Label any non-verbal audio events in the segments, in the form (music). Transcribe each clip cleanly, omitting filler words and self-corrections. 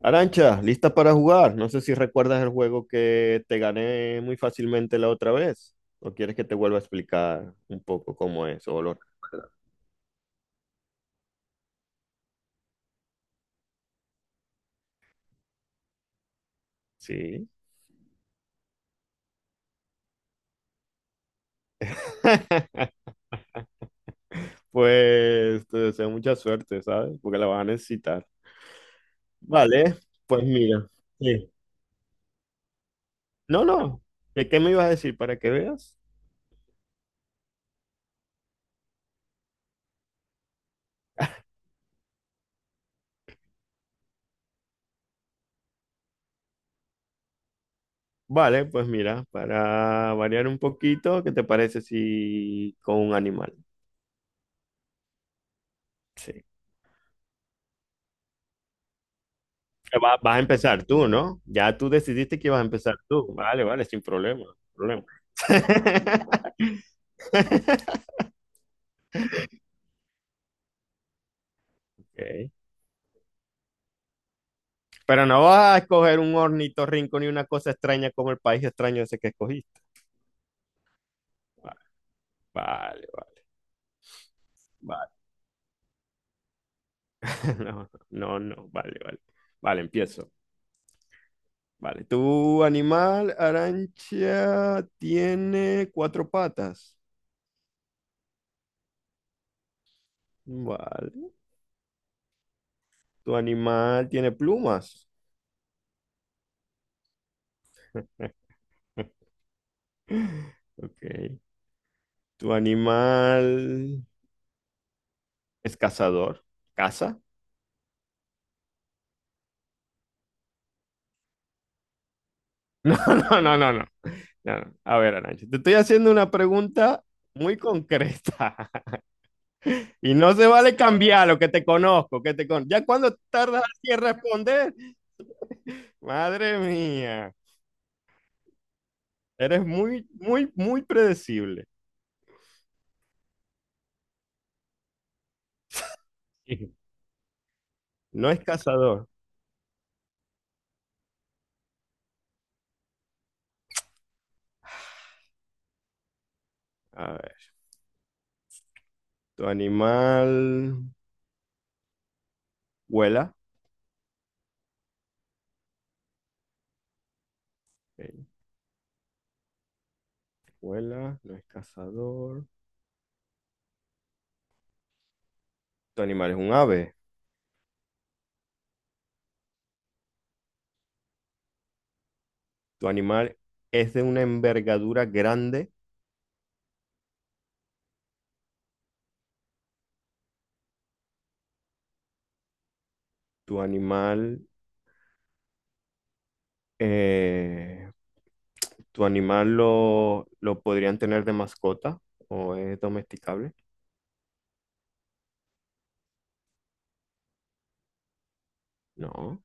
Arancha, ¿lista para jugar? No sé si recuerdas el juego que te gané muy fácilmente la otra vez. ¿O quieres que te vuelva a explicar un poco cómo es, olor? Sí. (laughs) Pues te deseo mucha suerte, ¿sabes? Porque la vas a necesitar. Vale, pues mira. Sí. No, no. ¿De qué me ibas a decir para que veas? Vale, pues mira, para variar un poquito, ¿qué te parece si con un animal? Sí. Vas a empezar tú, ¿no? Ya tú decidiste que vas a empezar tú. Vale, vale, sin problema, sin problema. (laughs) Ok. Pero no vas a escoger un ornitorrinco ni una cosa extraña como el país extraño ese que escogiste. Va- Vale, vale, vale. (laughs) No, no, no, vale, vale. Vale, empiezo. Vale, tu animal, Arancha, tiene cuatro patas. Vale. Tu animal tiene plumas. (laughs) Ok. Tu animal, ¿es cazador? ¿Caza? (laughs) No, no, no, no, no. No, no. A ver, Arancha, te estoy haciendo una pregunta muy concreta, (laughs) y no se vale cambiar lo que te conozco, que te con... Ya cuando tardas así en responder, madre mía, eres muy, muy, muy predecible. Sí. No es cazador. A ver, tu animal vuela. Ok, vuela, no es cazador. Tu animal es un ave. Tu animal es de una envergadura grande. Tu animal, eh, ¿tu animal lo podrían tener de mascota o es domesticable? No,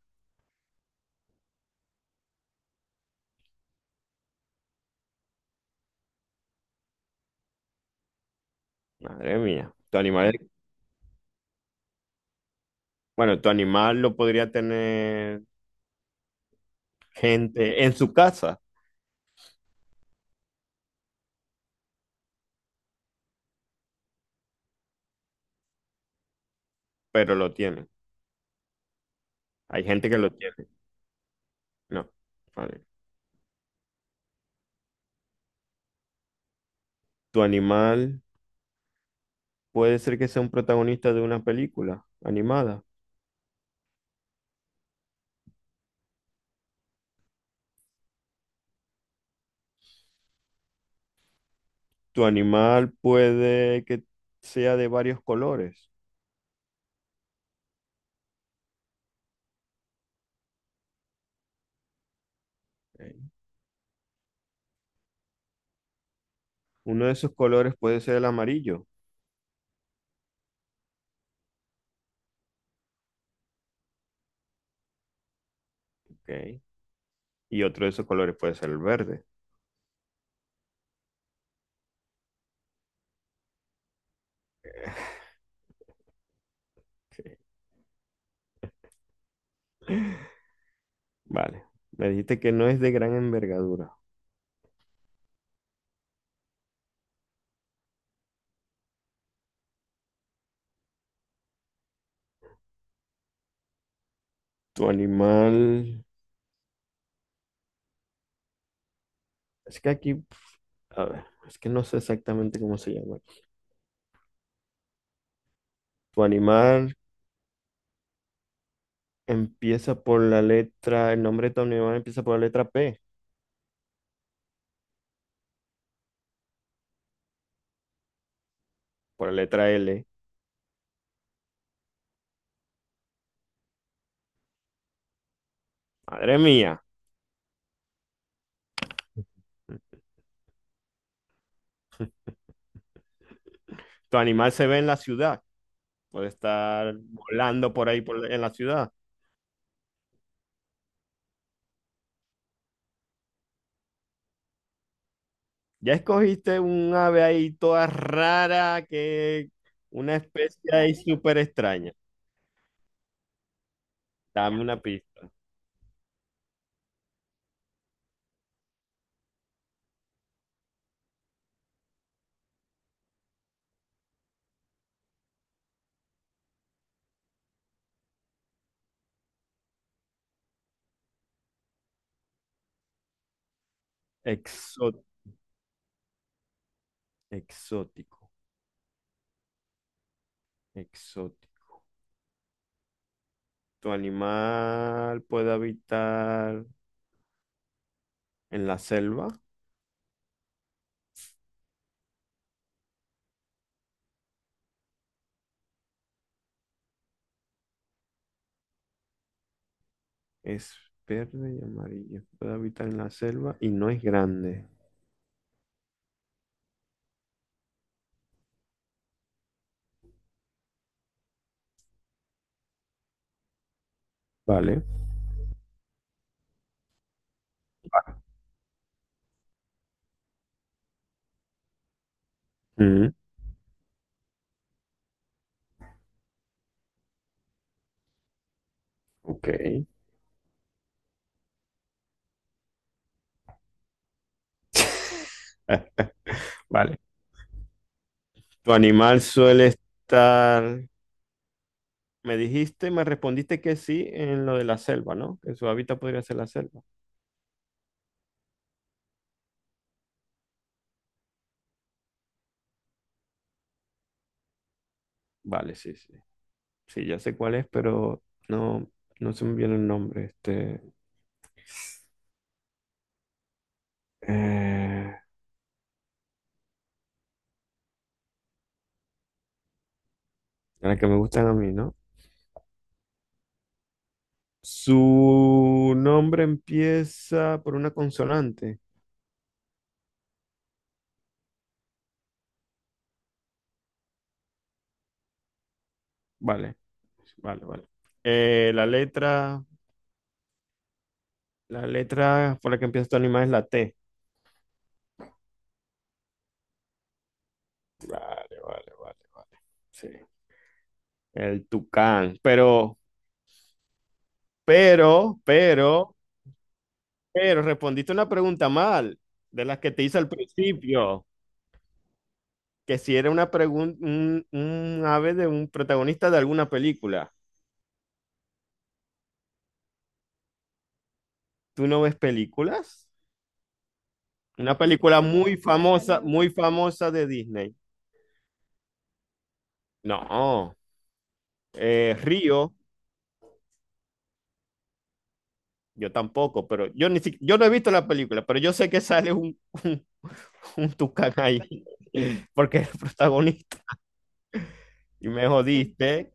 madre mía. Tu animal, bueno, tu animal lo podría tener gente en su casa, pero lo tiene. Hay gente que lo tiene. No, vale. Tu animal puede ser que sea un protagonista de una película animada. Tu animal puede que sea de varios colores. Ok. Uno de esos colores puede ser el amarillo. Ok. Y otro de esos colores puede ser el verde. Ok. (laughs) Vale. Me dijiste que no es de gran envergadura. Tu animal... Es que aquí... A ver, es que no sé exactamente cómo se llama. Tu animal empieza por la letra... El nombre de tu animal empieza por la letra P, por la letra L. Madre mía. Tu animal se ve en la ciudad. Puede estar volando por ahí en la ciudad. Ya escogiste un ave ahí toda rara, que una especie ahí súper extraña. Dame una pista. Exó- exótico, exótico. ¿Tu animal puede habitar en la selva? Es verde y amarillo. Puede habitar en la selva y no es grande. Vale. Mm, ok. Ah, vale. ¿Tu animal suele estar... Me dijiste, me respondiste que sí en lo de la selva, ¿no? Que su hábitat podría ser la selva. Vale, sí, sí. Sí, ya sé cuál es, pero no, no se me viene el nombre. Este... Eh... La que me gustan a mí, ¿no? Su nombre empieza por una consonante. Vale, vale, vale. Eh, la letra, la letra por la que empieza este animal es la T. Vale, vale, vale, vale. Sí. El tucán. Pero, pero, pero respondiste una pregunta mal de las que te hice al principio. Que si era una pregunta, un ave de un protagonista de alguna película. ¿Tú no ves películas? Una película muy famosa de Disney. No, Río, yo tampoco, pero yo ni si- yo no he visto la película, pero yo sé que sale (laughs) un tucán ahí, (laughs) porque es el protagonista. Y me jodiste.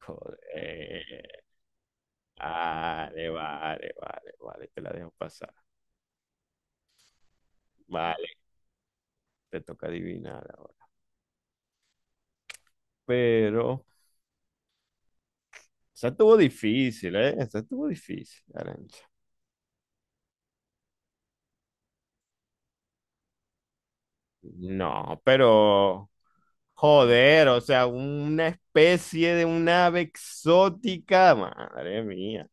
Joder. Vale, vale, vale, vale, te la dejo pasar. Vale, te toca adivinar ahora. Pero esa estuvo difícil, ¿eh? Esa estuvo difícil, Arancha. No, pero joder, o sea, una especie de un ave exótica. Madre mía,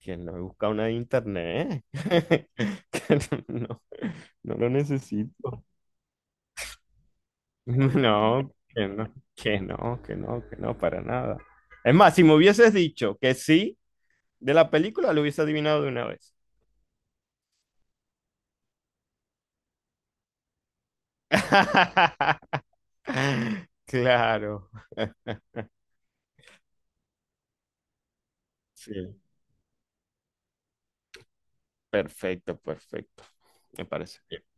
¿quién? No he buscado una de internet. (laughs) Que no, no lo necesito. (laughs) No, que no, que no, que no, que no, para nada. Es más, si me hubieses dicho que sí de la película, lo hubiese adivinado de una vez. (laughs) Claro. Sí, perfecto, perfecto. Me parece bien.